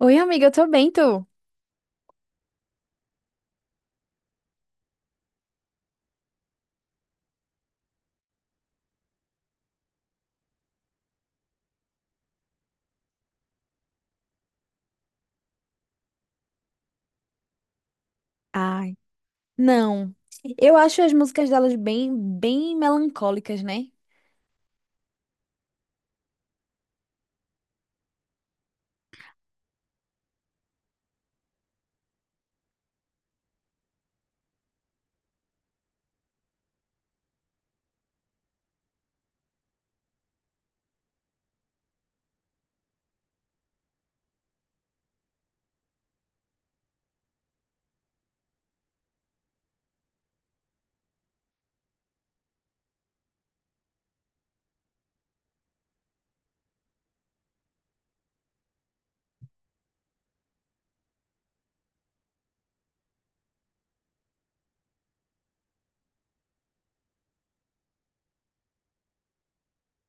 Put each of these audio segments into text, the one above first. Oi, amiga, eu tô bem, tu? Ai, não. Eu acho as músicas delas bem, bem melancólicas, né?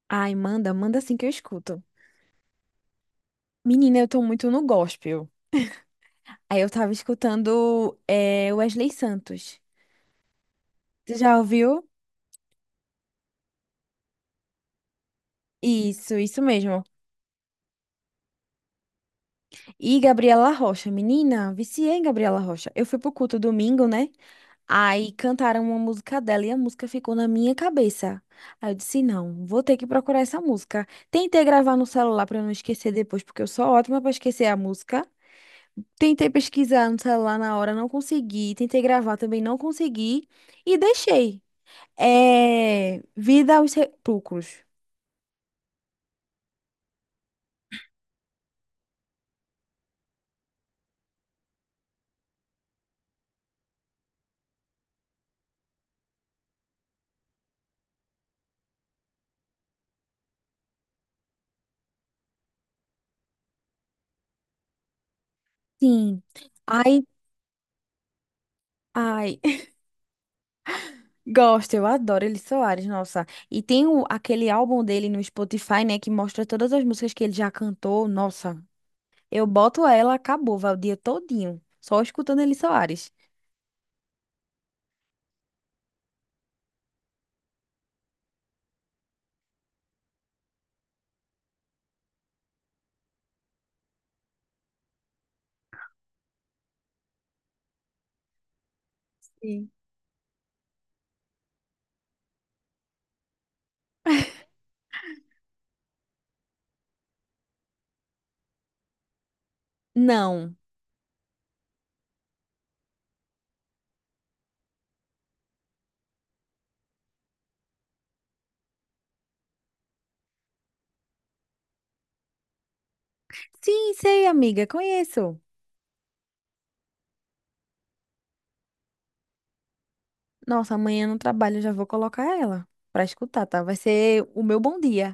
Ai, manda, manda assim que eu escuto. Menina, eu tô muito no gospel. Aí eu tava escutando Wesley Santos. Tu já ouviu? Isso mesmo. E Gabriela Rocha. Menina, viciei em Gabriela Rocha. Eu fui pro culto domingo, né? Aí cantaram uma música dela e a música ficou na minha cabeça. Aí eu disse, não, vou ter que procurar essa música. Tentei gravar no celular para não esquecer depois, porque eu sou ótima para esquecer a música. Tentei pesquisar no celular na hora, não consegui. Tentei gravar também, não consegui. E deixei. É... Vida aos Sepulcros. Sim. Ai, ai. Gosto, eu adoro Elis Soares, nossa. E tem aquele álbum dele no Spotify, né, que mostra todas as músicas que ele já cantou. Nossa. Eu boto ela, acabou, vai o dia todinho, só escutando Eli Soares. Sim. Não. Sim, sei, amiga, conheço. Nossa, amanhã no trabalho eu já vou colocar ela pra escutar, tá? Vai ser o meu bom dia.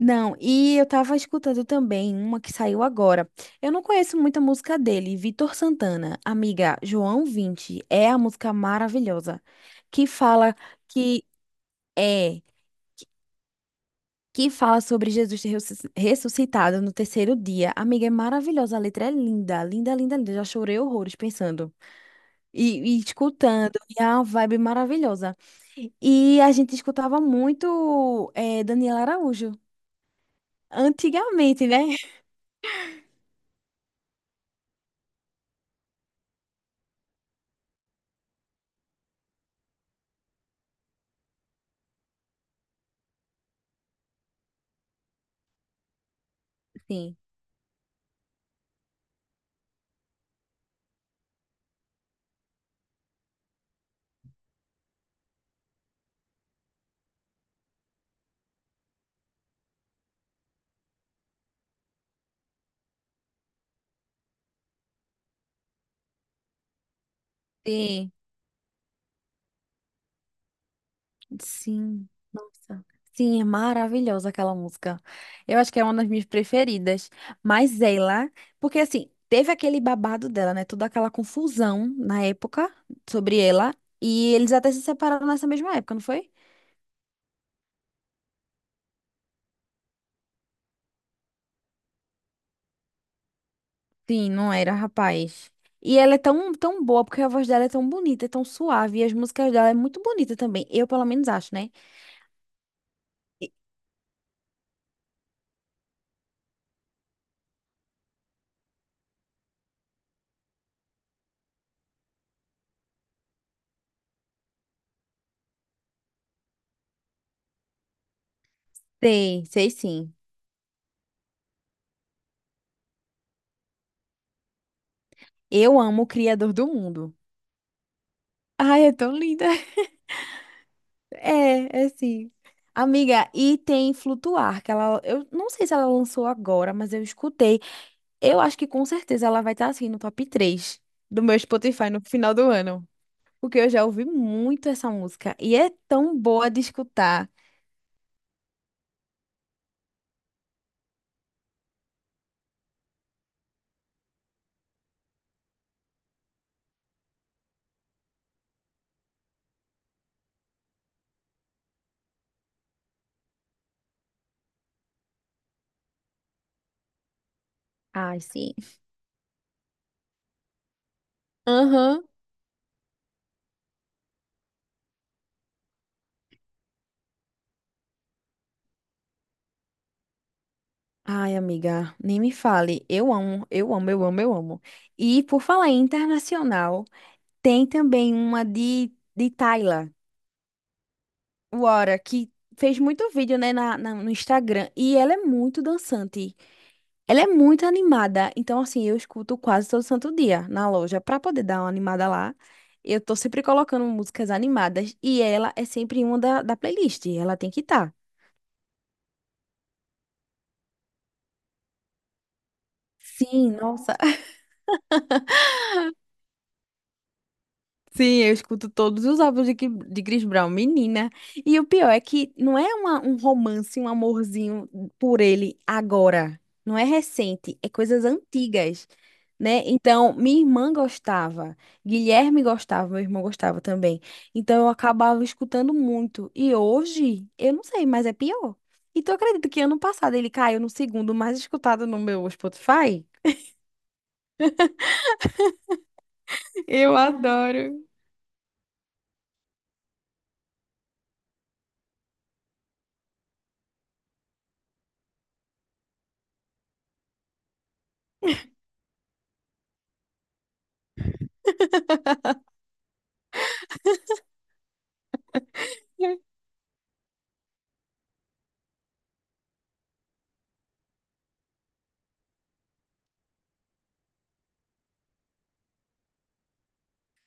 Não, e eu tava escutando também uma que saiu agora. Eu não conheço muita música dele, Vitor Santana. Amiga, João Vinte é a música maravilhosa que fala que é que fala sobre Jesus ter ressuscitado no terceiro dia. Amiga, é maravilhosa, a letra é linda, linda, linda, linda. Já chorei horrores pensando e escutando, e é uma vibe maravilhosa. E a gente escutava muito Daniela Araújo, antigamente, né? Sim, sim. Sim, nossa. Sim, é maravilhosa aquela música. Eu acho que é uma das minhas preferidas. Mas ela, porque assim, teve aquele babado dela, né? Toda aquela confusão na época sobre ela. E eles até se separaram nessa mesma época, não foi? Sim, não era, rapaz. E ela é tão, tão boa, porque a voz dela é tão bonita, é tão suave, e as músicas dela é muito bonita também. Eu, pelo menos, acho, né? Sei, sei sim. Eu amo o Criador do Mundo. Ai, é tão linda. É, é assim. Amiga, e tem Flutuar, que ela, eu não sei se ela lançou agora, mas eu escutei. Eu acho que com certeza ela vai estar assim no top 3 do meu Spotify no final do ano, porque eu já ouvi muito essa música e é tão boa de escutar. Ai, sim. Aham. Ai, amiga, nem me fale. Eu amo, eu amo, eu amo, eu amo. E por falar em internacional, tem também uma de Tyla. Wara, que fez muito vídeo, né, no Instagram. E ela é muito dançante. Ela é muito animada. Então, assim, eu escuto quase todo santo dia na loja pra poder dar uma animada lá. Eu tô sempre colocando músicas animadas. E ela é sempre uma da playlist. Ela tem que estar. Sim, nossa. Sim, eu escuto todos os álbuns de Chris Brown, menina. E o pior é que não é um romance, um amorzinho por ele agora. Não é recente, é coisas antigas, né? Então, minha irmã gostava, Guilherme gostava, meu irmão gostava também. Então, eu acabava escutando muito. E hoje, eu não sei, mas é pior. E tu acredita que ano passado ele caiu no segundo mais escutado no meu Spotify? Eu adoro.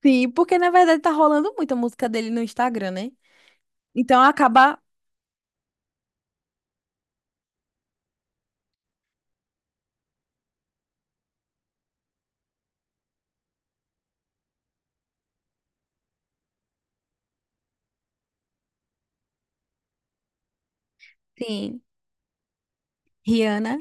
Sim, porque na verdade tá rolando muita música dele no Instagram, né? Então acaba. Sim. Rihanna.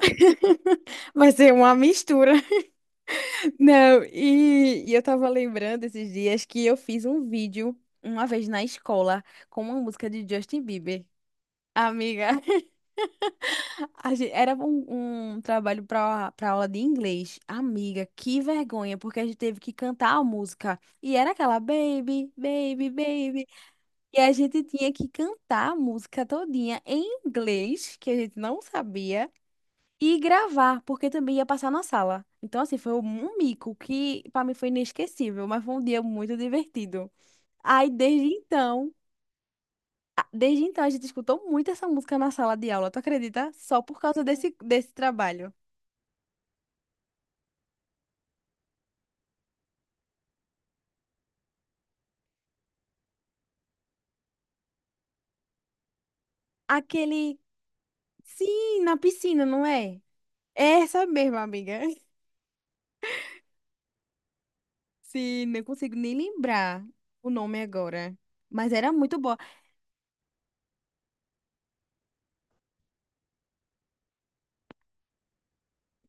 Vai ser uma mistura. Não, e eu tava lembrando esses dias que eu fiz um vídeo uma vez na escola com uma música de Justin Bieber. Amiga, era um trabalho para aula de inglês. Amiga, que vergonha, porque a gente teve que cantar a música. E era aquela baby, baby, baby. E a gente tinha que cantar a música todinha em inglês, que a gente não sabia, e gravar, porque também ia passar na sala. Então, assim, foi um mico que para mim foi inesquecível, mas foi um dia muito divertido. Aí, desde então, desde então a gente escutou muito essa música na sala de aula, tu acredita? Só por causa desse trabalho. Aquele, sim, na piscina, não é? É essa mesma, amiga. Sim, não consigo nem lembrar o nome agora, mas era muito boa.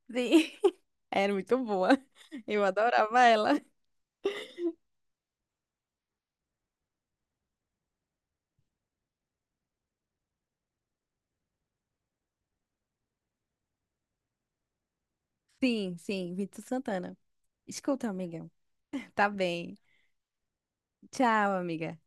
Era muito boa. Eu adorava ela. Sim, sim, Vitor Santana. Escuta, amiga. Tá bem. Tchau, amiga.